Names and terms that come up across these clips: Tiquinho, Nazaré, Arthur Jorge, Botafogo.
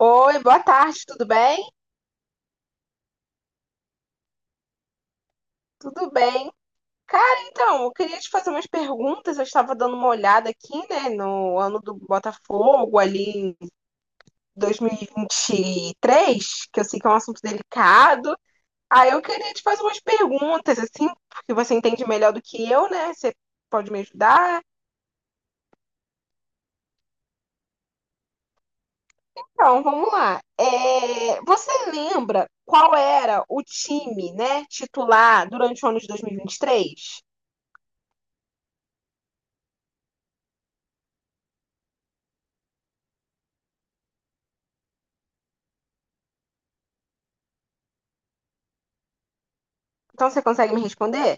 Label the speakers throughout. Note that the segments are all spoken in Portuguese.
Speaker 1: Oi, boa tarde, tudo bem? Tudo bem. Cara, então, eu queria te fazer umas perguntas. Eu estava dando uma olhada aqui, né, no ano do Botafogo, ali em dois mil e vinte e três, que eu sei que é um assunto delicado. Aí eu queria te fazer umas perguntas, assim, porque você entende melhor do que eu, né? Você pode me ajudar? Então, vamos lá. É, você lembra qual era o time, né, titular durante o ano de dois mil e vinte e três? Então, você consegue me responder?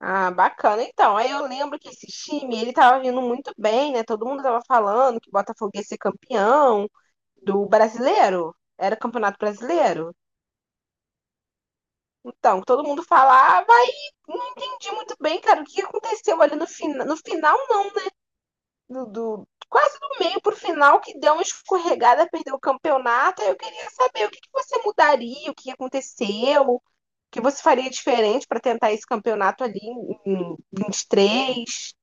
Speaker 1: Ah, bacana. Então, aí eu lembro que esse time, ele tava vindo muito bem, né? Todo mundo tava falando que o Botafogo ia ser campeão do brasileiro. Era campeonato brasileiro. Então, todo mundo falava e não entendi muito bem, cara, o que aconteceu ali no final, né, quase do meio pro final, que deu uma escorregada, perdeu o campeonato. Aí eu queria saber o que que você mudaria, o que aconteceu, o que você faria diferente para tentar esse campeonato ali em 23.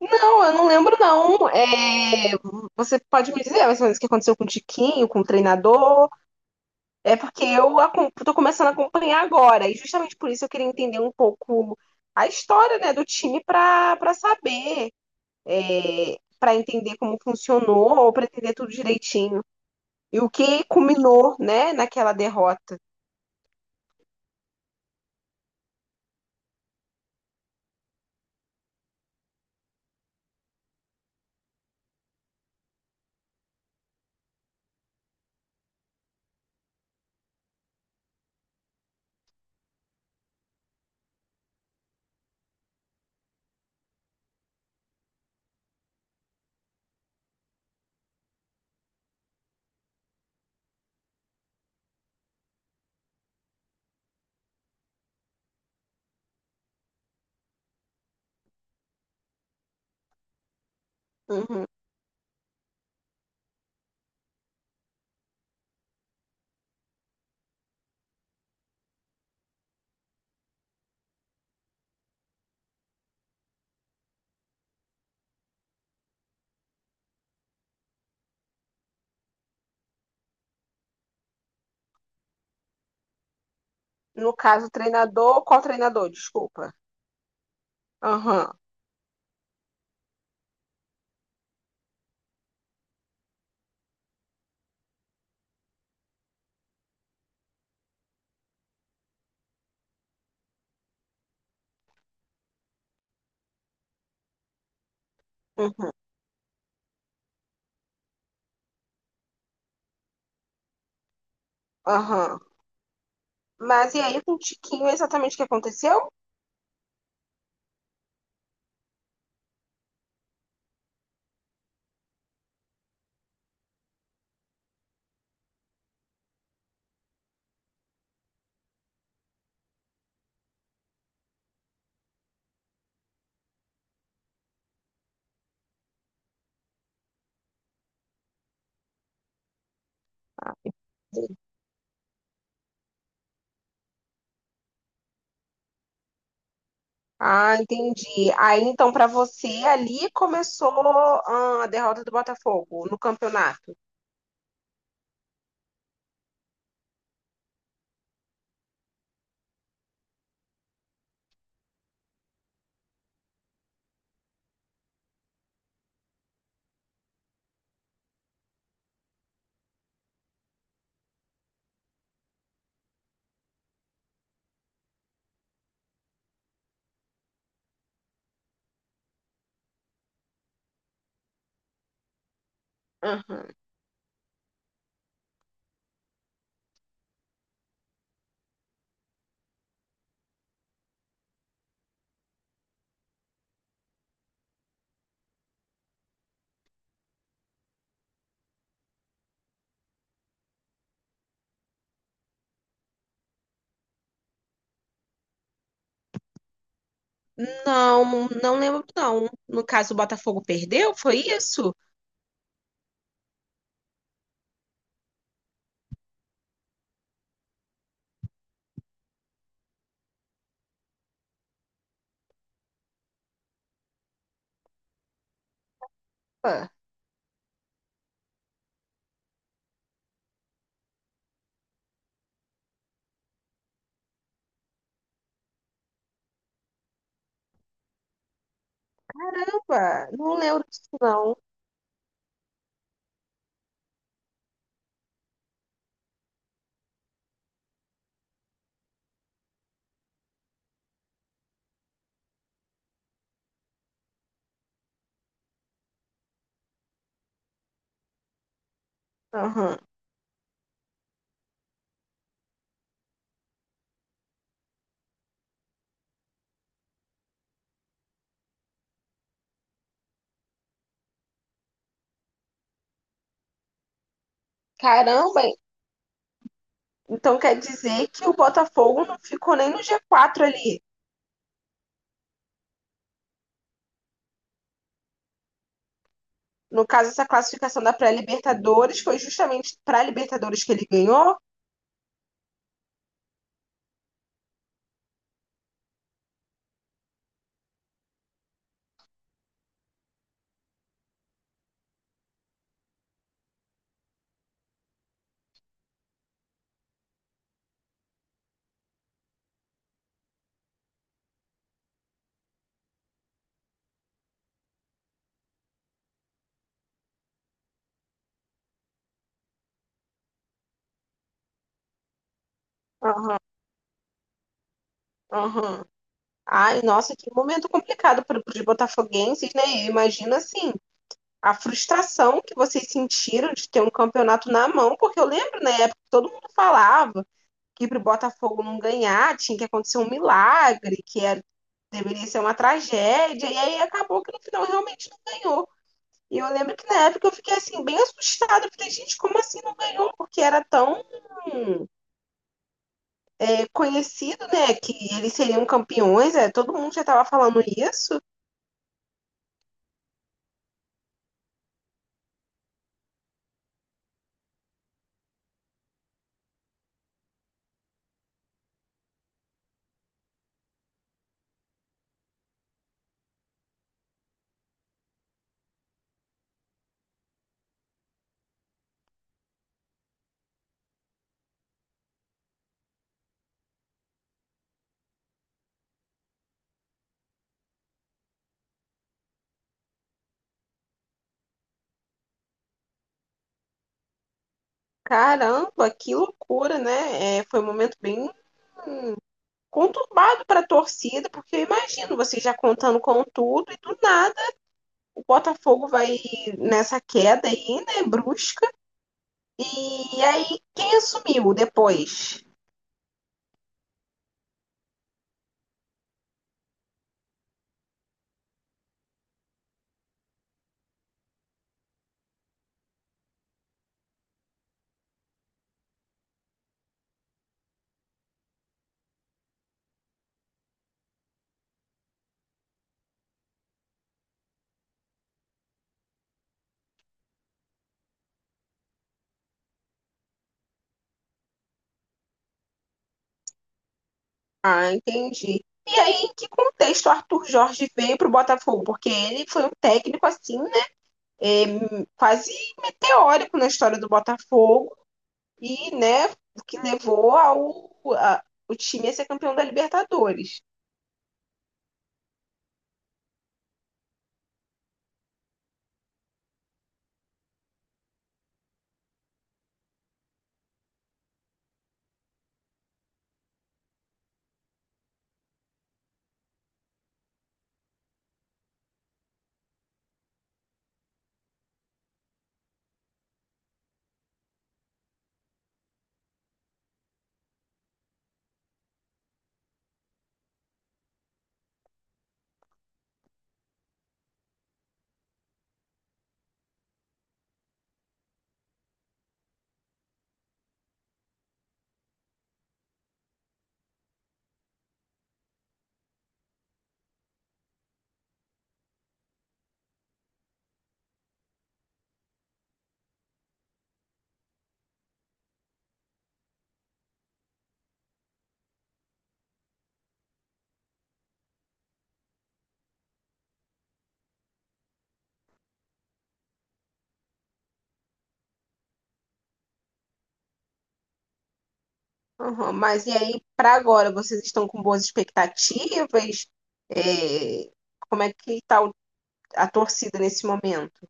Speaker 1: Não, eu não lembro, não. É, você pode me dizer mais ou menos o que aconteceu com o Tiquinho, com o treinador? É porque eu tô começando a acompanhar agora, e justamente por isso eu queria entender um pouco a história, né, do time para saber, é, para entender como funcionou, ou para entender tudo direitinho. E o que culminou, né, naquela derrota. Uhum. No caso, o treinador, qual treinador? Desculpa. Aham, uhum, aham. Mas e aí com o Tiquinho, exatamente o que aconteceu? Ah, entendi. Aí então para você ali começou a derrota do Botafogo no campeonato. Aham. Não, não lembro não. No caso o Botafogo perdeu, foi isso? Ah, caramba, não lembro disso não. Aham. Caramba, então quer dizer que o Botafogo não ficou nem no G4 ali. No caso essa classificação da pré-Libertadores foi justamente para a Libertadores que ele ganhou? Aham, aham. Ai, nossa, que momento complicado para os botafoguenses, né? Eu imagino assim, a frustração que vocês sentiram de ter um campeonato na mão, porque eu lembro, né, na época que todo mundo falava que para o Botafogo não ganhar tinha que acontecer um milagre, que era, deveria ser uma tragédia, e aí acabou que no final realmente não ganhou. E eu lembro que na época eu fiquei assim, bem assustada. Eu falei, gente, como assim não ganhou? Porque era tão conhecido, né? Que eles seriam campeões, todo mundo já estava falando isso. Caramba, que loucura, né? É, foi um momento bem conturbado para a torcida, porque eu imagino vocês já contando com tudo e do nada o Botafogo vai nessa queda aí, né, brusca. E aí, quem assumiu depois? Ah, entendi. E aí, em que contexto o Arthur Jorge veio para o Botafogo? Porque ele foi um técnico assim, né? é, Quase meteórico na história do Botafogo e, né, que levou o time a ser campeão da Libertadores. Aham, mas e aí, para agora, vocês estão com boas expectativas? É, como é que tá a torcida nesse momento?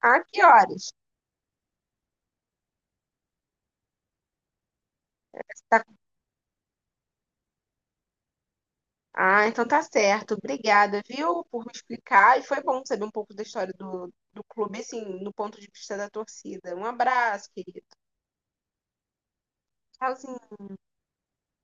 Speaker 1: Ah, que horas? Tá- Ah, então tá certo. Obrigada, viu, por me explicar. E foi bom saber um pouco da história do clube, assim, no ponto de vista da torcida. Um abraço, querido. Tchauzinho.